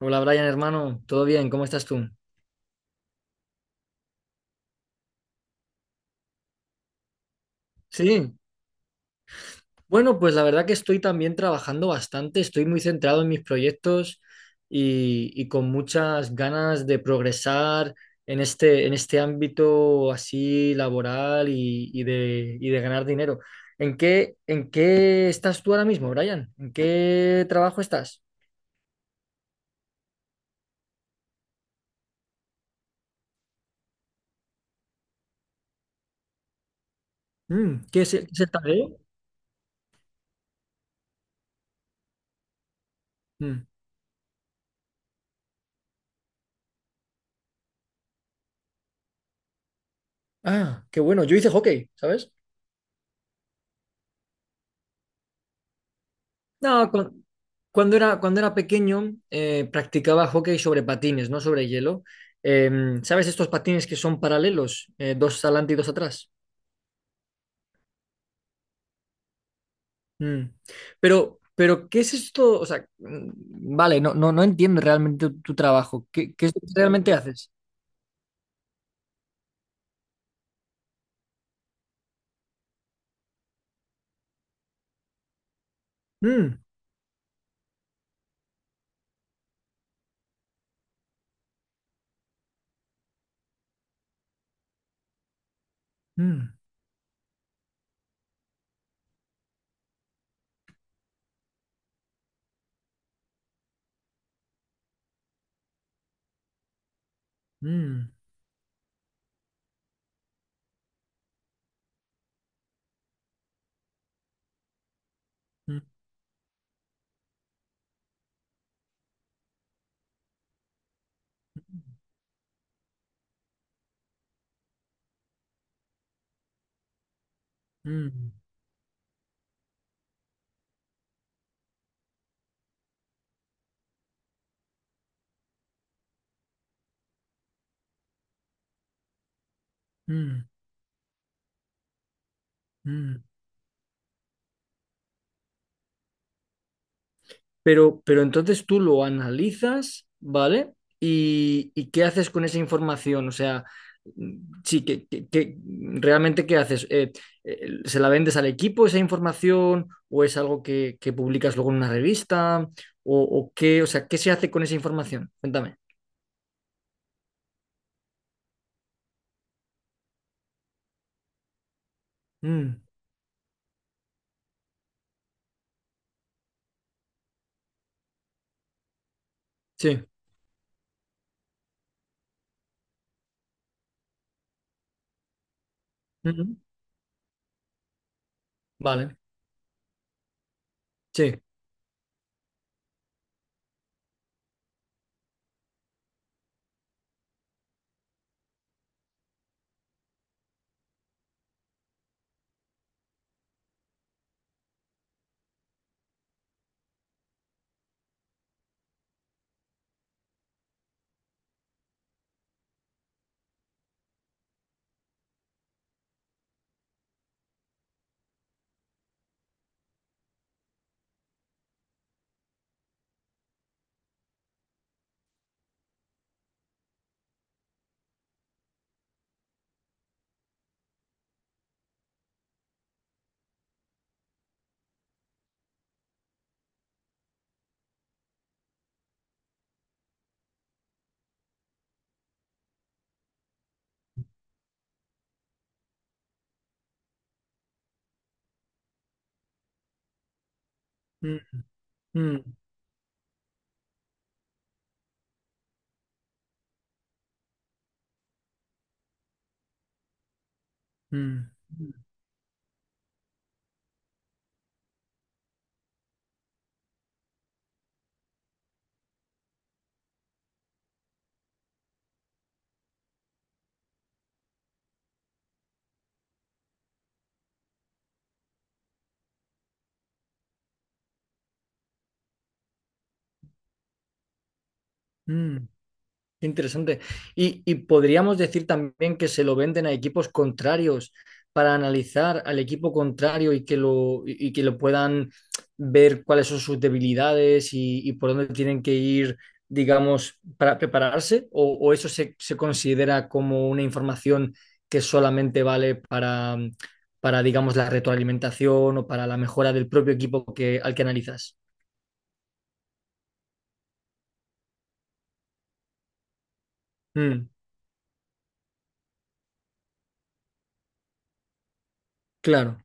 Hola Brian, hermano, ¿todo bien? ¿Cómo estás tú? Sí, bueno, pues la verdad que estoy también trabajando bastante, estoy muy centrado en mis proyectos y con muchas ganas de progresar en este ámbito así laboral y de ganar dinero. ¿ en qué estás tú ahora mismo, Brian? ¿En qué trabajo estás? ¿ qué es el tadeo? Mm. Ah, qué bueno, yo hice hockey, ¿sabes? No, cu- cuando era pequeño practicaba hockey sobre patines, no sobre hielo. ¿Sabes estos patines que son paralelos? Dos adelante y dos atrás. Mm. ¿Qué es esto? O sea, vale, no entiendo realmente tu trabajo. ¿Qué es lo que realmente haces? Mm, mm, mm, mm, mm, mm, mm. Pero entonces tú lo analizas, ¿vale? ¿Y qué haces con esa información? O sea, sí, ¿ realmente qué haces? ¿Se la vendes al equipo esa información? ¿O es algo que publicas luego en una revista? ¿O qué? O sea, ¿qué se hace con esa información? Cuéntame. Mm, sí. Ujú. Vale. Sí. Mm, mm, mm, mm, qué Interesante. Y podríamos decir también que se lo venden a equipos contrarios para analizar al equipo contrario y que lo puedan ver cuáles son sus debilidades y por dónde tienen que ir, digamos, para prepararse, o eso se considera como una información que solamente vale digamos, la retroalimentación o para la mejora del propio equipo que, al que analizas. Mm, claro.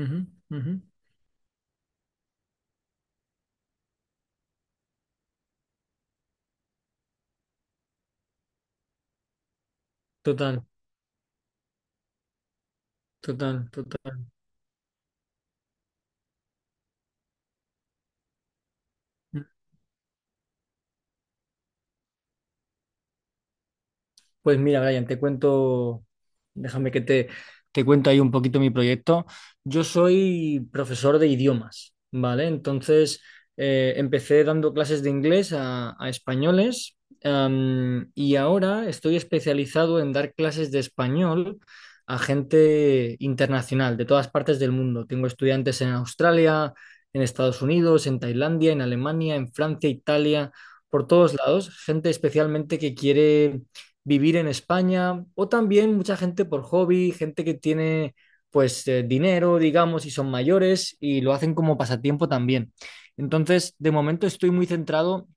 Ujú, ujú. Total, total, total. Pues mira, Brian, te cuento, déjame que te, te cuento ahí un poquito mi proyecto. Yo soy profesor de idiomas, ¿vale? Entonces, empecé dando clases de inglés a españoles, y ahora estoy especializado en dar clases de español a gente internacional, de todas partes del mundo. Tengo estudiantes en Australia, en Estados Unidos, en Tailandia, en Alemania, en Francia, Italia, por todos lados, gente especialmente que quiere vivir en España o también mucha gente por hobby, gente que tiene pues dinero, digamos, y son mayores y lo hacen como pasatiempo también. Entonces, de momento estoy muy centrado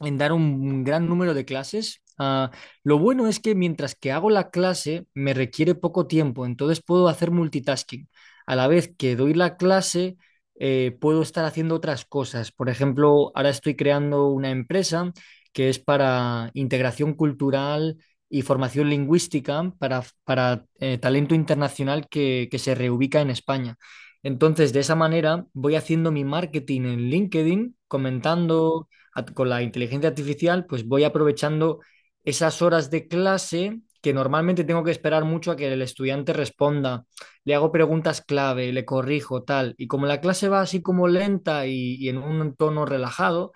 en dar un gran número de clases. Lo bueno es que mientras que hago la clase me requiere poco tiempo, entonces puedo hacer multitasking. A la vez que doy la clase, puedo estar haciendo otras cosas. Por ejemplo, ahora estoy creando una empresa que es para integración cultural y formación lingüística para talento internacional que se reubica en España. Entonces, de esa manera voy haciendo mi marketing en LinkedIn, comentando con la inteligencia artificial, pues voy aprovechando esas horas de clase que normalmente tengo que esperar mucho a que el estudiante responda. Le hago preguntas clave, le corrijo, tal. Y como la clase va así como lenta y en un tono relajado,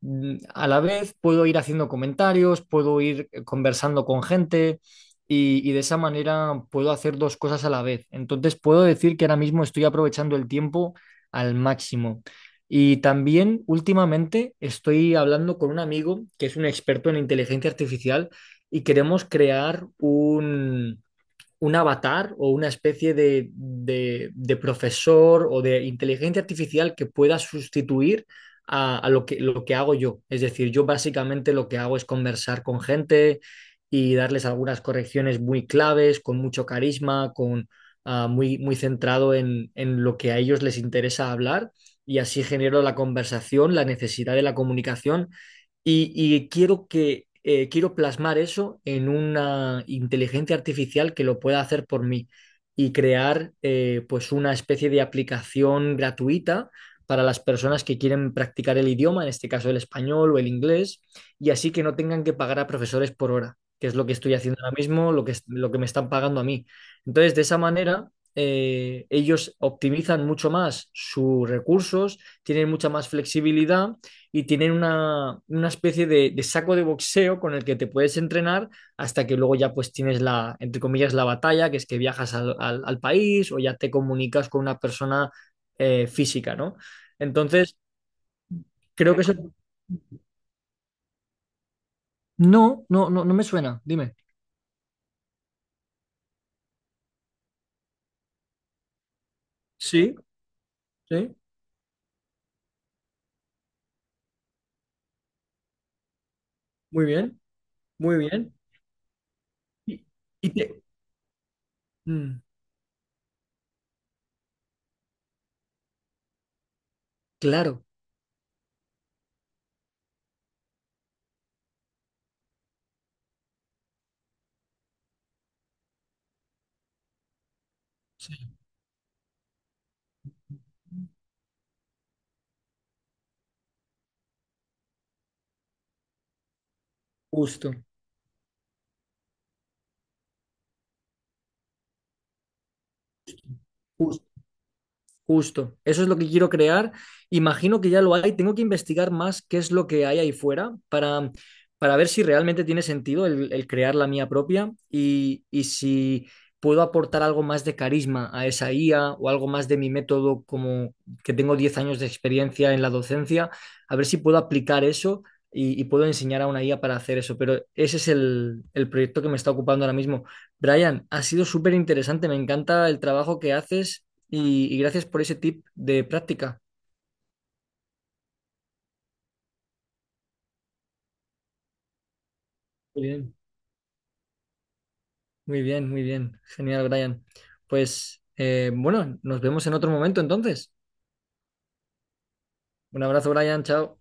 a la vez puedo ir haciendo comentarios, puedo ir conversando con gente y de esa manera puedo hacer dos cosas a la vez. Entonces puedo decir que ahora mismo estoy aprovechando el tiempo al máximo. Y también últimamente estoy hablando con un amigo que es un experto en inteligencia artificial y queremos crear un avatar o una especie de profesor o de inteligencia artificial que pueda sustituir a lo que hago yo. Es decir, yo básicamente lo que hago es conversar con gente y darles algunas correcciones muy claves, con mucho carisma, con, muy centrado en lo que a ellos les interesa hablar y así genero la conversación, la necesidad de la comunicación y quiero que quiero plasmar eso en una inteligencia artificial que lo pueda hacer por mí y crear pues una especie de aplicación gratuita para las personas que quieren practicar el idioma, en este caso el español o el inglés, y así que no tengan que pagar a profesores por hora, que es lo que estoy haciendo ahora mismo, lo que me están pagando a mí. Entonces, de esa manera, ellos optimizan mucho más sus recursos, tienen mucha más flexibilidad y tienen una especie de saco de boxeo con el que te puedes entrenar hasta que luego ya pues tienes la, entre comillas, la batalla, que es que viajas al país o ya te comunicas con una persona física, ¿no? Entonces, creo que eso... no me suena, dime. Sí, sí, muy bien, muy bien. Y, y te... Mm, claro, sí, justo. Justo, eso es lo que quiero crear. Imagino que ya lo hay. Tengo que investigar más qué es lo que hay ahí fuera para ver si realmente tiene sentido el crear la mía propia y si puedo aportar algo más de carisma a esa IA o algo más de mi método, como que tengo 10 años de experiencia en la docencia, a ver si puedo aplicar eso y puedo enseñar a una IA para hacer eso. Pero ese es el proyecto que me está ocupando ahora mismo. Brian, ha sido súper interesante, me encanta el trabajo que haces y gracias por ese tip de práctica. Muy bien. Muy bien, muy bien. Genial, Brian. Pues bueno, nos vemos en otro momento entonces. Un abrazo, Brian. Chao.